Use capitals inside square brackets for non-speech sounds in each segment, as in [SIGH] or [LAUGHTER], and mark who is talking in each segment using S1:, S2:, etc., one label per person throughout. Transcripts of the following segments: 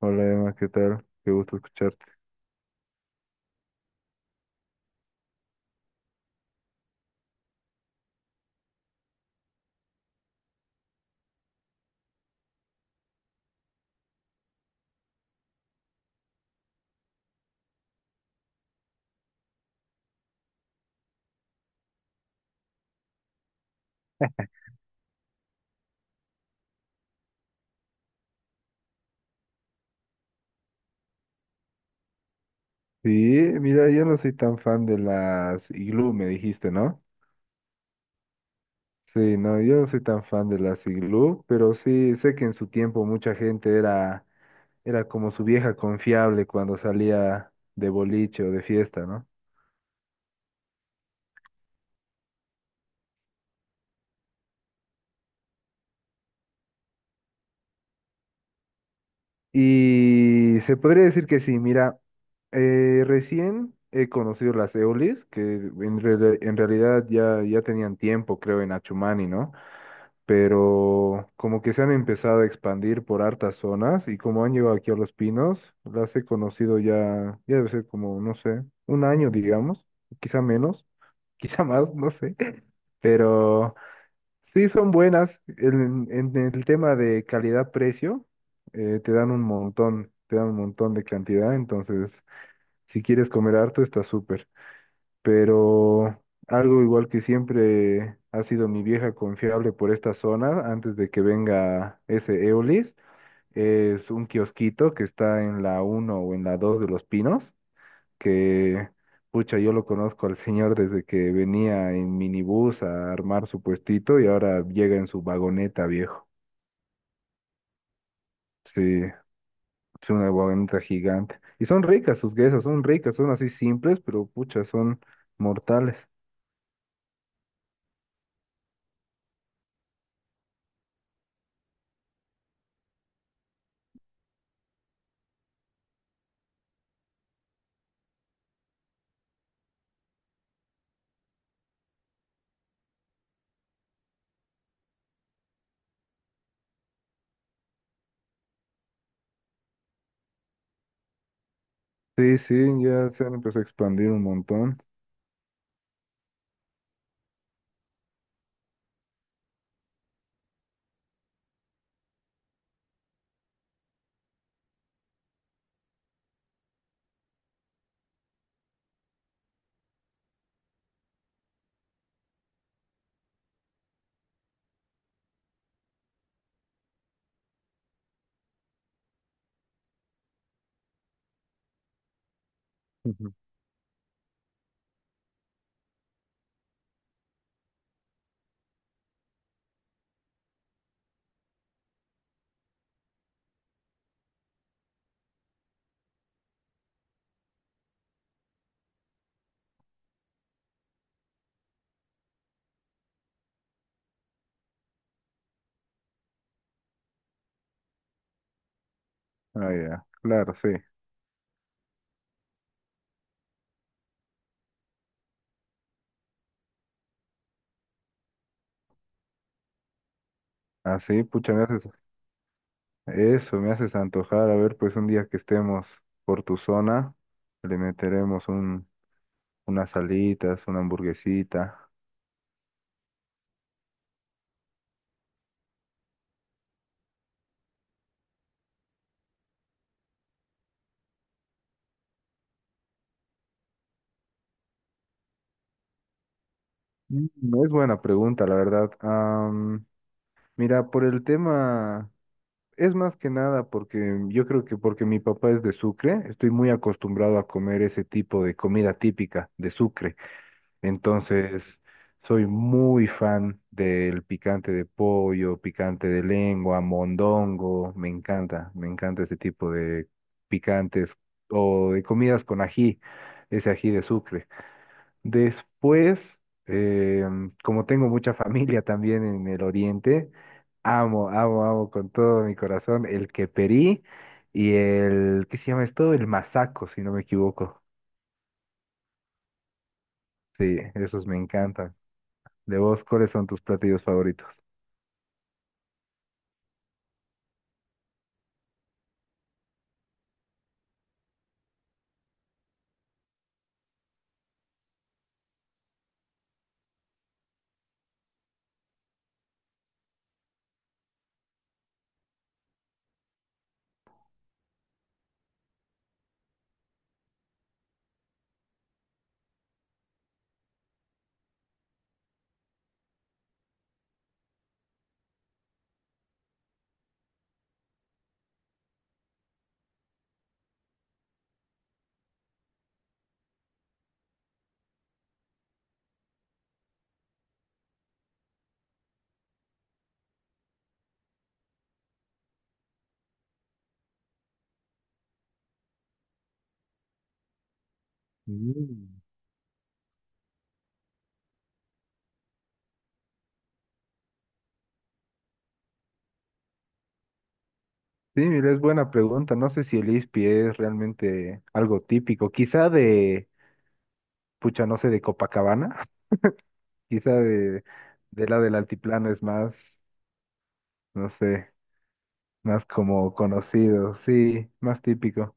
S1: Hola Emma, ¿qué tal? Qué gusto escucharte. Sí, mira, yo no soy tan fan de las iglú, me dijiste, ¿no? Sí, no, yo no soy tan fan de las iglú, pero sí sé que en su tiempo mucha gente era, como su vieja confiable cuando salía de boliche o de fiesta, ¿no? Y se podría decir que sí, mira, recién he conocido las eolis, que en realidad ya tenían tiempo, creo, en Achumani, ¿no? Pero como que se han empezado a expandir por hartas zonas y como han llegado aquí a Los Pinos, las he conocido ya, ya debe ser como, no sé, un año, digamos, quizá menos, [LAUGHS] quizá más, no sé, [LAUGHS] pero sí son buenas. En el tema de calidad-precio, te dan un montón, te dan un montón de cantidad, entonces si quieres comer harto está súper, pero algo igual que siempre ha sido mi vieja confiable por esta zona, antes de que venga ese Eolis, es un kiosquito que está en la uno o en la 2 de Los Pinos, que, pucha, yo lo conozco al señor desde que venía en minibús a armar su puestito y ahora llega en su vagoneta, viejo. Sí, es una vagoneta gigante. Y son ricas sus guesas, son ricas, son así simples, pero pucha, son mortales. Sí, sí, ya se han empezado a expandir un montón. Ujú. Ah, ya, claro, sí. Así, pucha, me haces eso, me haces antojar. A ver, pues un día que estemos por tu zona, le meteremos unas alitas, una hamburguesita. No es buena pregunta, la verdad. Mira, por el tema, es más que nada porque yo creo que porque mi papá es de Sucre, estoy muy acostumbrado a comer ese tipo de comida típica de Sucre. Entonces, soy muy fan del picante de pollo, picante de lengua, mondongo. Me encanta ese tipo de picantes o de comidas con ají, ese ají de Sucre. Después, como tengo mucha [LAUGHS] familia también en el oriente, amo, amo, amo con todo mi corazón el queperí y el, ¿qué se llama esto? El masaco, si no me equivoco. Sí, esos me encantan. De vos, ¿cuáles son tus platillos favoritos? Mm. Sí, mira, es buena pregunta. No sé si el ispi es realmente algo típico. Quizá de, pucha, no sé, de Copacabana. [LAUGHS] Quizá de, la del altiplano es más, no sé, más como conocido. Sí, más típico.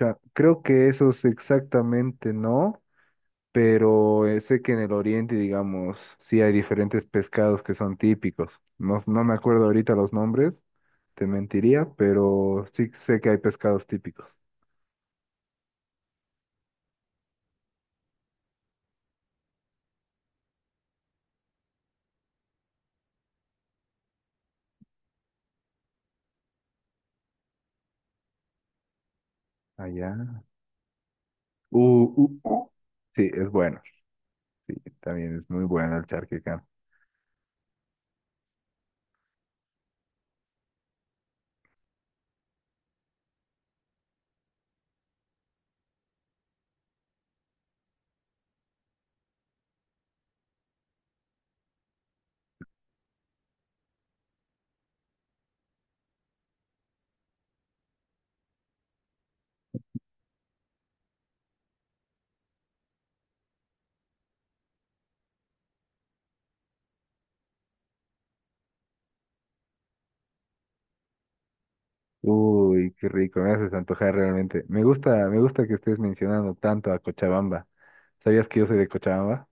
S1: O creo que esos exactamente no. Pero sé que en el oriente, digamos, sí hay diferentes pescados que son típicos. No, no me acuerdo ahorita los nombres, te mentiría, pero sí sé que hay pescados típicos. Allá. Uh, uh, uh. Sí, es bueno. También es muy bueno el charquecán. Uy, qué rico, me haces antojar realmente. Me gusta que estés mencionando tanto a Cochabamba. ¿Sabías que yo soy de Cochabamba?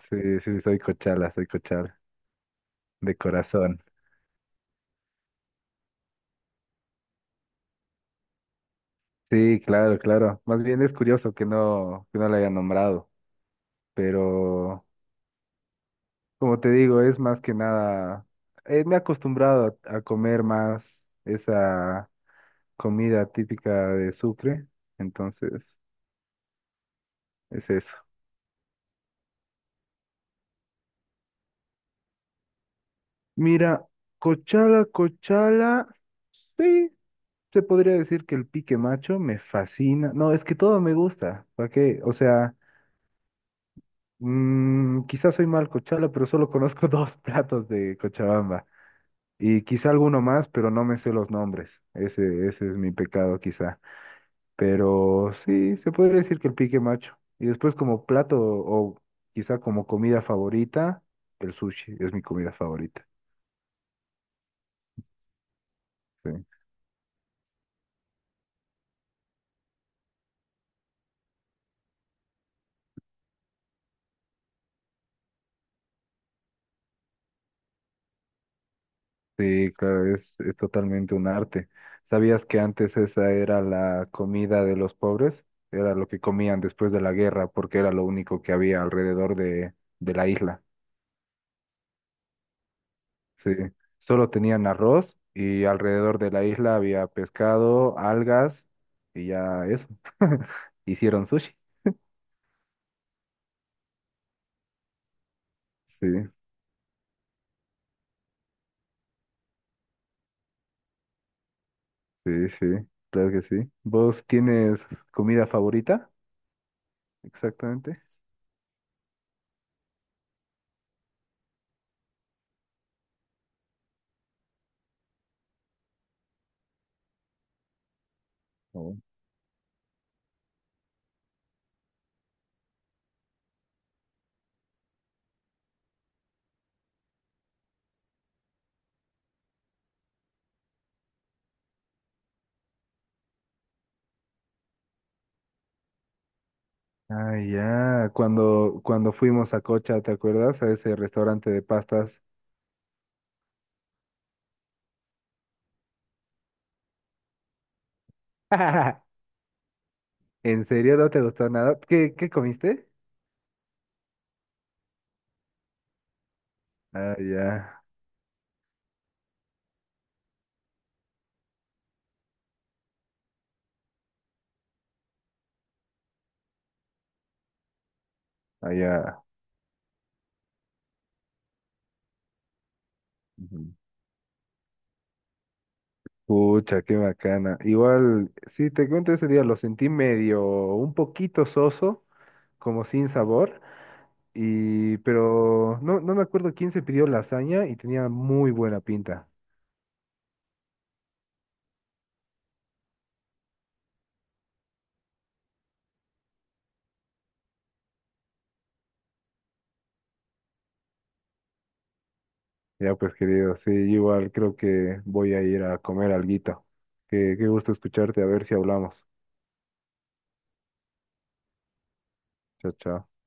S1: Sí, sí, sí, soy cochala, soy cochal, de corazón. Sí, claro, claro. Más bien es curioso que no la haya nombrado, pero como te digo, es más que nada, me he acostumbrado a comer más esa comida típica de Sucre, entonces es eso. Mira, cochala, cochala, sí, se podría decir que el pique macho me fascina. No, es que todo me gusta, ¿para qué? O sea, quizás soy mal cochala, pero solo conozco [LAUGHS] dos platos de Cochabamba. Y quizá alguno más, pero no me sé los nombres. Ese es mi pecado quizá. Pero sí, se podría decir que el pique macho. Y después como plato o quizá como comida favorita, el sushi es mi comida favorita. Sí, sí, claro, es totalmente un arte. ¿Sabías que antes esa era la comida de los pobres? Era lo que comían después de la guerra porque era lo único que había alrededor de, la isla. Sí, solo tenían arroz y alrededor de la isla había pescado, algas y ya eso. [LAUGHS] Hicieron sushi. Sí, sí, sí, claro que sí. ¿Vos tienes comida favorita? Exactamente. Oh. Ah, ya, cuando fuimos a Cocha, ¿te acuerdas? A ese restaurante de pastas. [LAUGHS] ¿En serio no te gustó nada? ¿¿Qué comiste? Ah, ya, ah, ya. Ujú. Pucha, qué bacana. Igual, sí, te cuento ese día, lo sentí medio, un poquito soso, como sin sabor, pero no, no me acuerdo quién se pidió lasaña y tenía muy buena pinta. Ya pues, querido, sí, igual creo que voy a ir a comer alguito. Qué gusto escucharte, a ver si hablamos. Chao, chao.